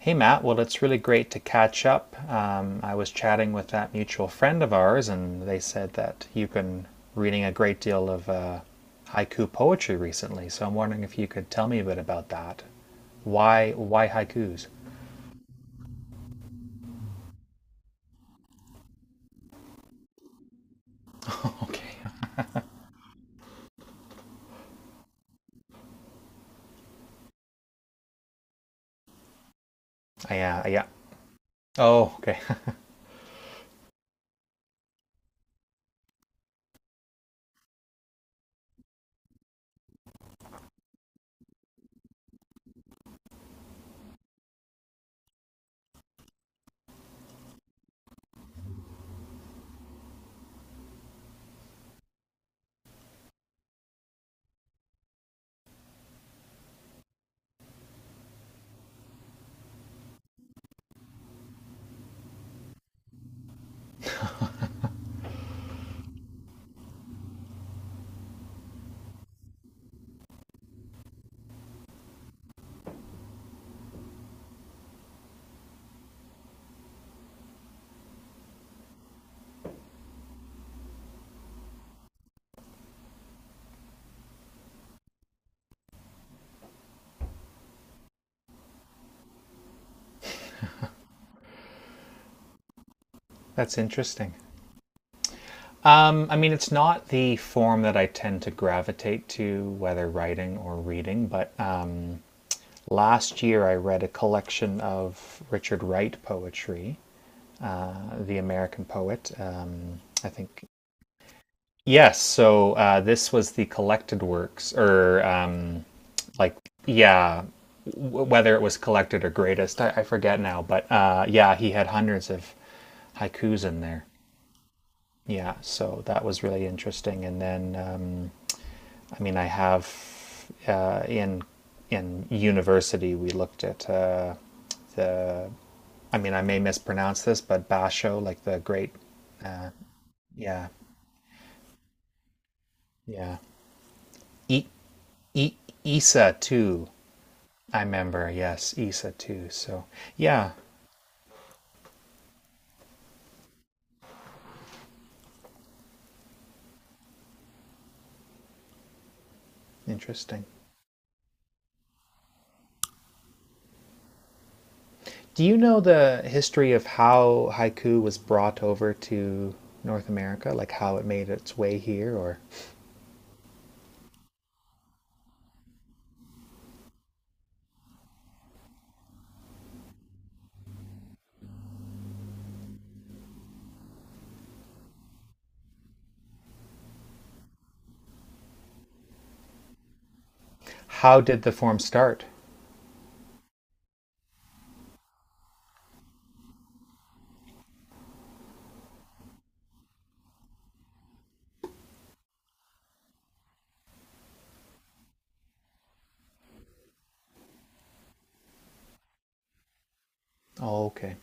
Hey, Matt. Well, it's really great to catch up. I was chatting with that mutual friend of ours, and they said that you've been reading a great deal of haiku poetry recently. So I'm wondering if you could tell me a bit about that. Why haikus? Okay. Yeah, yeah. Oh, okay. That's interesting. I mean, it's not the form that I tend to gravitate to, whether writing or reading, but last year I read a collection of Richard Wright poetry, the American poet. I think yes. So this was the collected works, or like yeah, whether it was collected or greatest, I forget now. But yeah, he had hundreds of haikus in there. Yeah, so that was really interesting. And then I mean, I have uh, in in university we looked at the. I mean, I may mispronounce this, but Basho, like the great. Uh, yeah, yeah. E- E- Issa too. I remember, yes, Isa too. So yeah, interesting. Do you know the history of how haiku was brought over to North America? Like how it made its way here, or how did the form start? Oh, okay,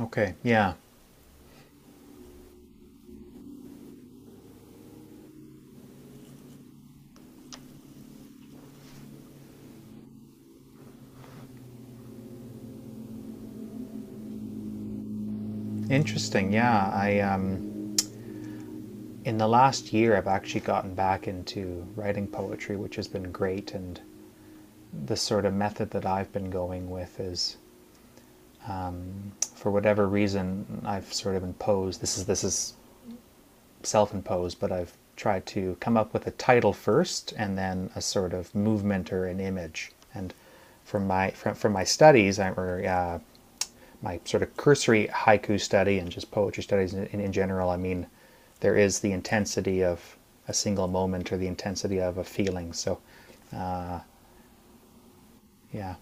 okay, yeah, interesting. Yeah, I in the last year I've actually gotten back into writing poetry, which has been great, and the sort of method that I've been going with is for whatever reason, I've sort of imposed, this is self-imposed, but I've tried to come up with a title first and then a sort of movement or an image. And from my studies, I, or my sort of cursory haiku study and just poetry studies in general, I mean, there is the intensity of a single moment or the intensity of a feeling. So, yeah.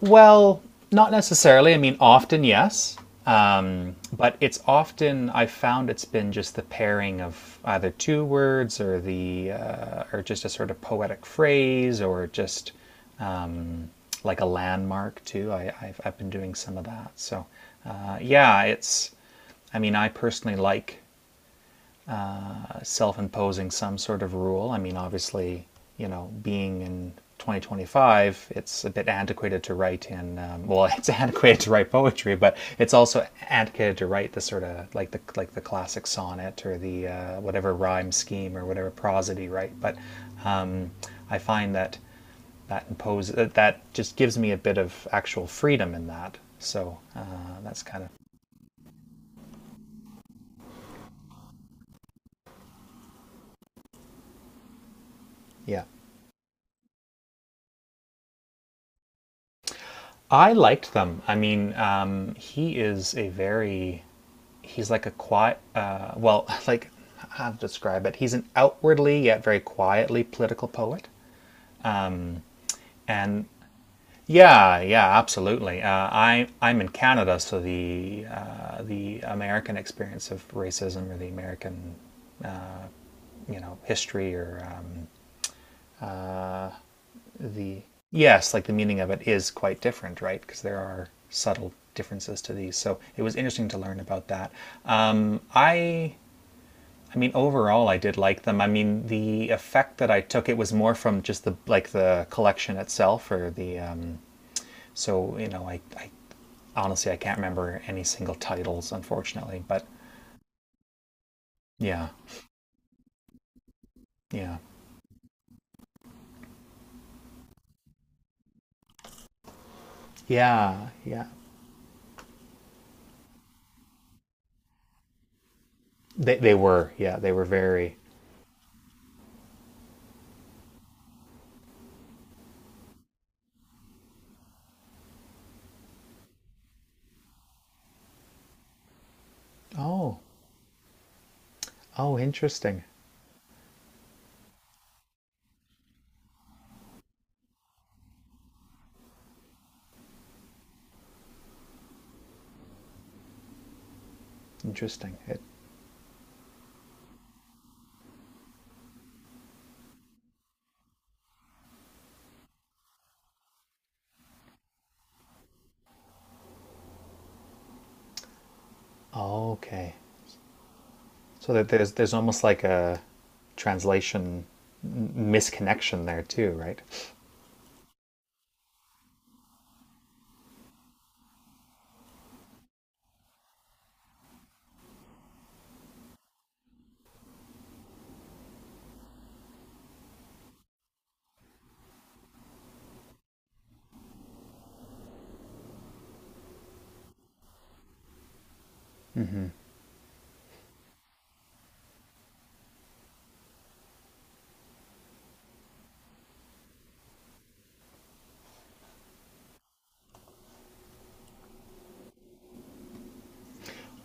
Well, not necessarily. I mean, often yes, but it's often I've found it's been just the pairing of either two words or the or just a sort of poetic phrase or just um, like a landmark too. I've been doing some of that. So yeah, it's. I mean, I personally like self-imposing some sort of rule. I mean, obviously, you know, being in 2025, it's a bit antiquated to write in. Well, it's antiquated to write poetry, but it's also antiquated to write the sort of like the classic sonnet or the whatever rhyme scheme or whatever prosody, right? But um, I find that that imposes that, just gives me a bit of actual freedom in that. So that's kind of yeah. I liked them. I mean, he is a very he's like a quiet, well, like how to describe it? He's an outwardly yet very quietly political poet. Um, and yeah, yeah, absolutely. I'm in Canada, so the American experience of racism or the American, you know, history or uh, the yes, like the meaning of it is quite different, right? Because there are subtle differences to these. So it was interesting to learn about that. Um, I I mean, overall, I did like them. I mean, the effect that I took it was more from just the like the collection itself, or the so you know, I honestly I can't remember any single titles, unfortunately. But yeah, yeah. Yeah, yeah. They were, yeah, they were very. Oh, oh, interesting, interesting. It, okay. So that there's almost like a translation misconnection there too, right?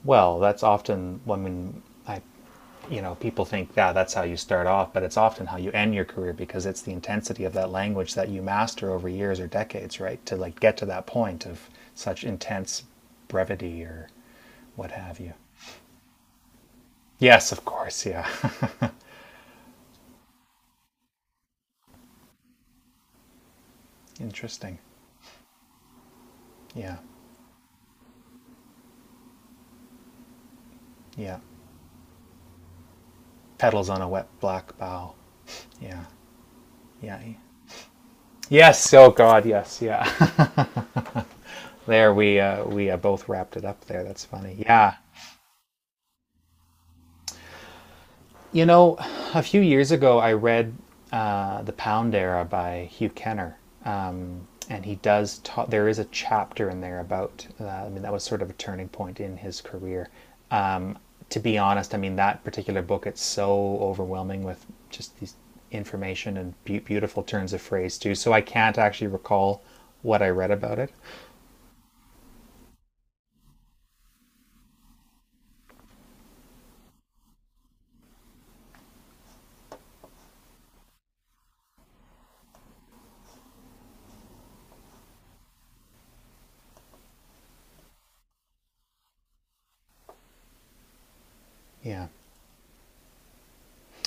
Well, that's often when I, you know, people think, yeah, that's how you start off, but it's often how you end your career because it's the intensity of that language that you master over years or decades, right? To like get to that point of such intense brevity or what have you. Yes, of course, yeah. Interesting. Yeah, yeah. Petals on a wet black bough. Yeah, yeah, yeah. Yes, oh God, yes, yeah. There we both wrapped it up there. That's funny. Yeah. You know, a few years ago, I read The Pound Era by Hugh Kenner, and he does ta there is a chapter in there about. I mean, that was sort of a turning point in his career. Um, to be honest, I mean that particular book. It's so overwhelming with just these information and beautiful turns of phrase too. So I can't actually recall what I read about it. Yeah,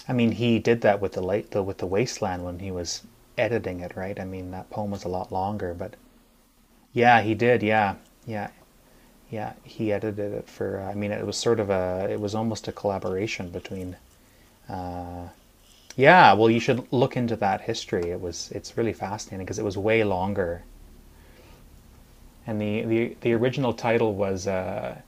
I mean he did that with the Wasteland when he was editing it, right? I mean that poem was a lot longer, but yeah, he did. Yeah, yeah, yeah. He edited it for. I mean, it was sort of a. It was almost a collaboration between. Yeah, well, you should look into that history. It was. It's really fascinating because it was way longer. And the original title was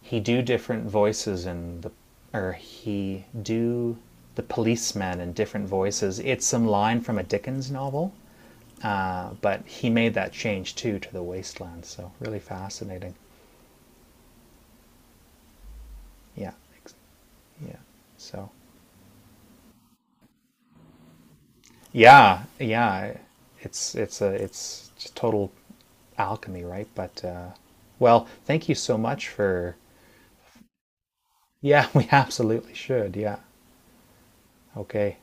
he do different voices in the or he do the policeman in different voices. It's some line from a Dickens novel, but he made that change too to the wasteland. So really fascinating. Yeah, yeah. So. Yeah, yeah. It's just total alchemy, right? But well, thank you so much for. Yeah, we absolutely should. Yeah. Okay.